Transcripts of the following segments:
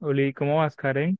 Oli, ¿cómo vas, Karen?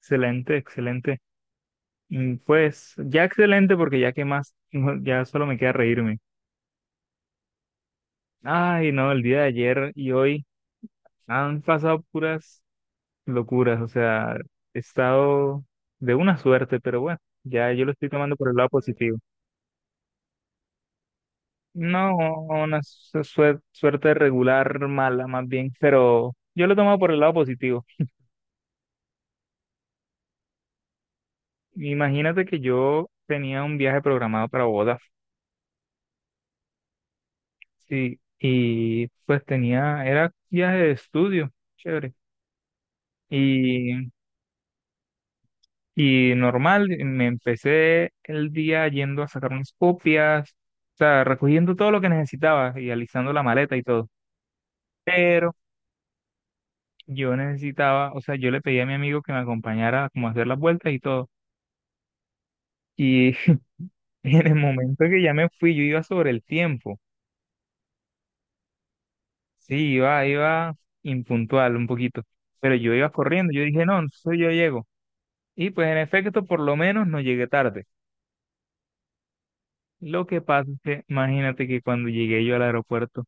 Excelente, excelente. Mm, pues ya excelente porque ya que más, no, ya solo me queda reírme. Ay, no, el día de ayer y hoy han pasado puras locuras. O sea, he estado de una suerte, pero bueno, ya yo lo estoy tomando por el lado positivo. No, una suerte regular, mala más bien, pero yo lo tomo por el lado positivo. Imagínate que yo tenía un viaje programado para Bogotá. Sí, y pues tenía, era viaje de estudio, chévere. Y, y normal, me empecé el día yendo a sacar unas copias, o sea, recogiendo todo lo que necesitaba y alisando la maleta y todo. Pero yo necesitaba, o sea, yo le pedí a mi amigo que me acompañara como a hacer las vueltas y todo. Y en el momento que ya me fui, yo iba sobre el tiempo. Sí, iba impuntual un poquito. Pero yo iba corriendo. Yo dije, no, entonces yo llego. Y pues en efecto, por lo menos no llegué tarde. Lo que pasa es que imagínate que cuando llegué yo al aeropuerto,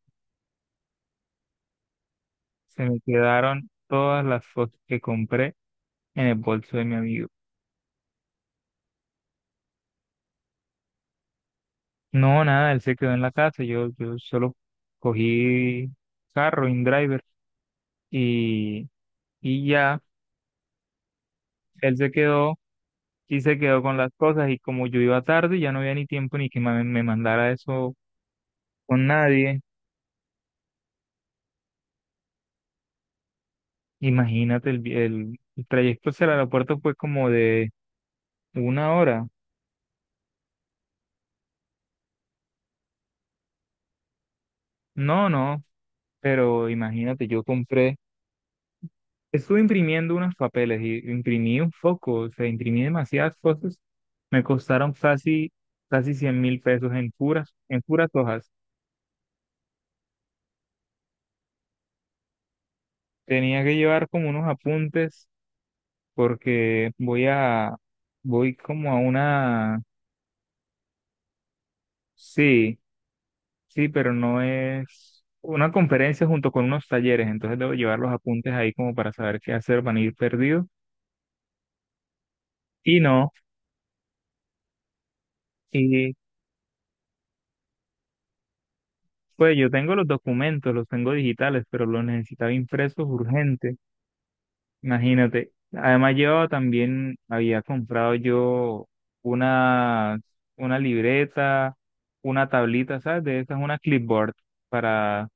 se me quedaron todas las fotos que compré en el bolso de mi amigo. No, nada, él se quedó en la casa, yo solo cogí carro, InDriver, y, y ya, él se quedó y se quedó con las cosas, y como yo iba tarde, ya no había ni tiempo ni que me mandara eso con nadie. Imagínate, el trayecto hacia el aeropuerto fue como de una hora. No, no, pero imagínate, yo compré, estuve imprimiendo unos papeles y imprimí un foco, o sea, imprimí demasiadas fotos. Me costaron casi, casi 100.000 pesos en puras hojas. Tenía que llevar como unos apuntes porque voy a, voy como a una, sí, sí, pero no, es una conferencia junto con unos talleres, entonces debo llevar los apuntes ahí como para saber qué hacer, van a ir perdidos y no. Y pues yo tengo los documentos, los tengo digitales, pero los necesitaba impresos urgente, imagínate. Además yo también había comprado yo una, una libreta, una tablita, ¿sabes? De esas, una clipboard para,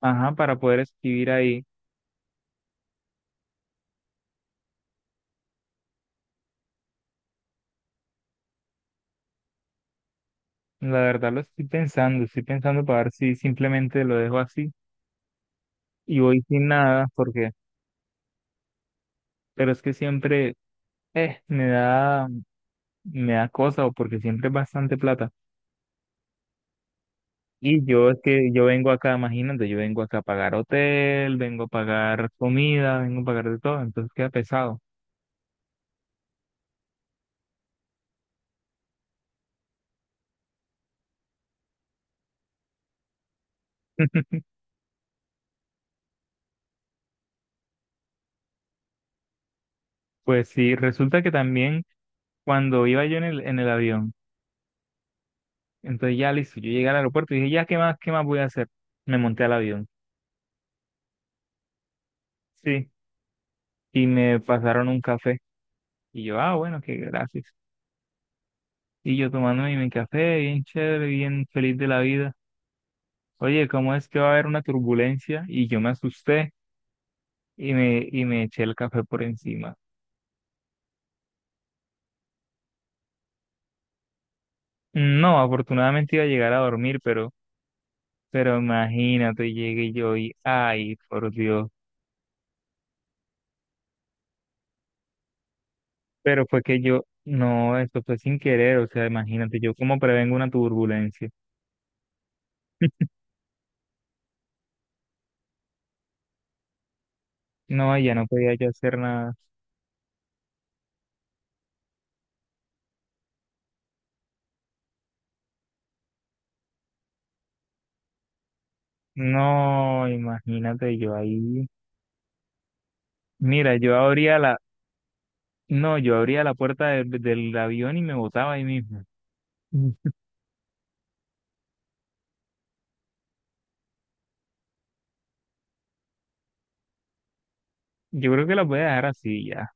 ajá, para poder escribir ahí. La verdad lo estoy pensando para ver si simplemente lo dejo así y voy sin nada, porque, pero es que siempre, eh, me da, me da cosa, o porque siempre es bastante plata. Y yo es que yo vengo acá, imagínate, yo vengo acá a pagar hotel, vengo a pagar comida, vengo a pagar de todo, entonces queda pesado. Pues sí, resulta que también cuando iba yo en el avión, entonces ya listo, yo llegué al aeropuerto y dije, ya, qué más voy a hacer? Me monté al avión, sí, y me pasaron un café. Y yo, ah, bueno, qué, gracias. Y yo tomándome mi café, bien chévere, bien feliz de la vida. Oye, ¿cómo es que va a haber una turbulencia? Y yo me asusté y me eché el café por encima. No, afortunadamente iba a llegar a dormir, pero imagínate, llegué yo y, ay, por Dios. Pero fue que yo, no, eso fue sin querer. O sea, imagínate, yo cómo prevengo una turbulencia. No, ya no podía yo hacer nada. No, imagínate, yo ahí. Mira, yo abría la, no, yo abría la puerta del avión y me botaba ahí mismo. Mm. Yo creo que la voy a dejar así ya.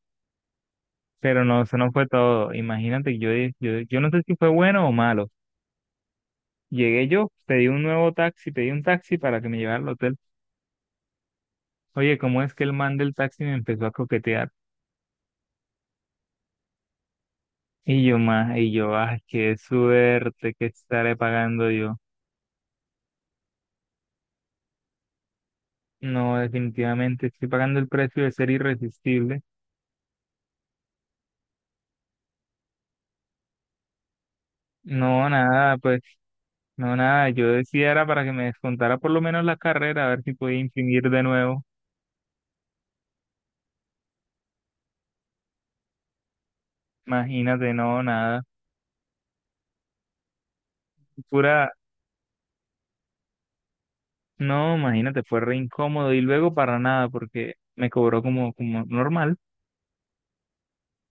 Pero no, eso no fue todo. Imagínate, yo no sé si fue bueno o malo. Llegué yo, pedí un nuevo taxi, pedí un taxi para que me llevara al hotel. Oye, ¿cómo es que el man del taxi me empezó a coquetear? Y yo más, y yo, ay, qué suerte, que estaré pagando yo. No, definitivamente estoy pagando el precio de ser irresistible. No, nada, pues, no, nada. Yo decía era para que me descontara por lo menos la carrera, a ver si podía imprimir de nuevo. Imagínate, no, nada. Pura, no, imagínate, fue re incómodo y luego para nada porque me cobró como, como normal.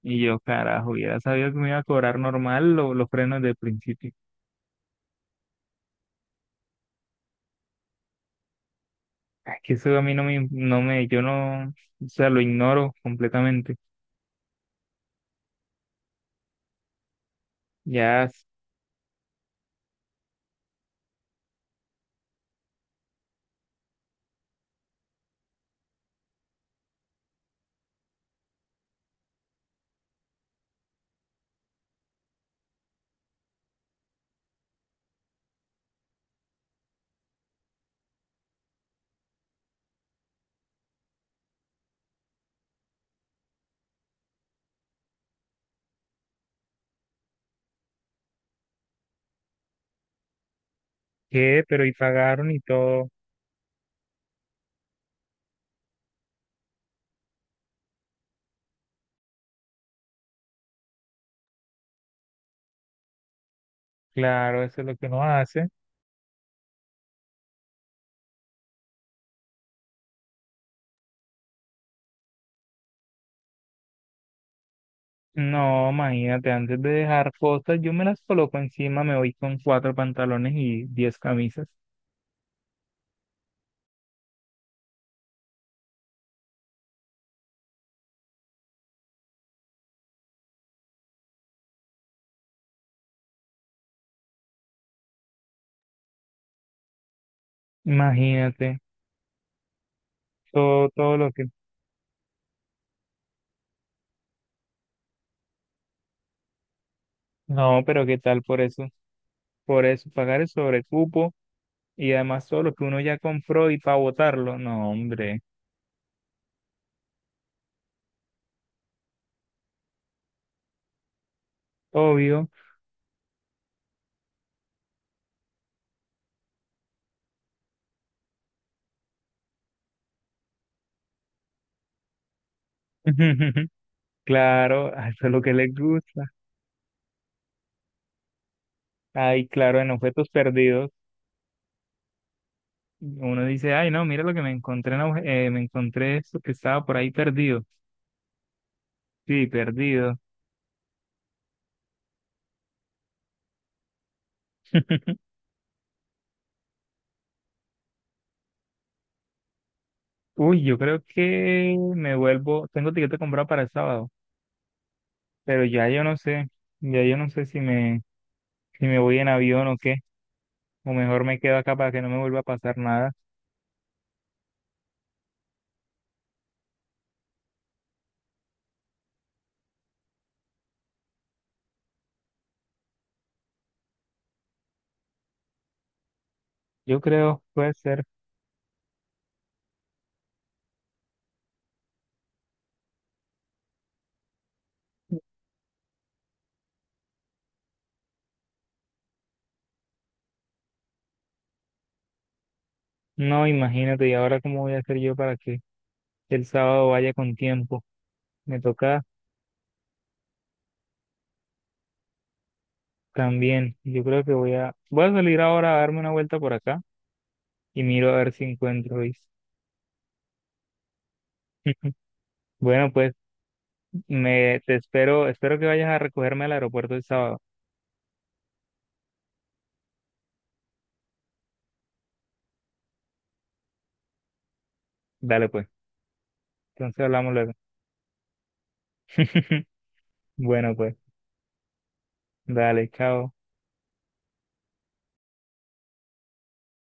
Y yo, carajo, hubiera sabido que me iba a cobrar normal los frenos del principio. Es que eso a mí no me, no me, yo no, o sea, lo ignoro completamente. Ya, ¿qué? ¿Pero y pagaron y todo? Claro, eso es lo que uno hace. No, imagínate, antes de dejar cosas, yo me las coloco encima, me voy con cuatro pantalones y 10 camisas. Imagínate, todo, todo lo que... No, pero ¿qué tal por eso? Por eso, pagar el sobrecupo y además todo lo que uno ya compró y para botarlo. No, hombre. Obvio. Claro, a eso es lo que les gusta. Ay, claro, en objetos perdidos, uno dice, ay, no, mira lo que me encontré, en me encontré esto que estaba por ahí perdido. Sí, perdido. Uy, yo creo que me vuelvo, tengo tiquete comprado para el sábado, pero ya yo no sé, ya yo no sé si me, si me voy en avión o qué, o mejor me quedo acá para que no me vuelva a pasar nada. Yo creo, puede ser. No, imagínate, ¿y ahora cómo voy a hacer yo para que el sábado vaya con tiempo? Me toca también, yo creo que voy a, voy a salir ahora a darme una vuelta por acá y miro a ver si encuentro Luis. Bueno, pues me te espero, espero que vayas a recogerme al aeropuerto el sábado. Dale pues, entonces hablamos luego. Bueno, pues, dale, chao.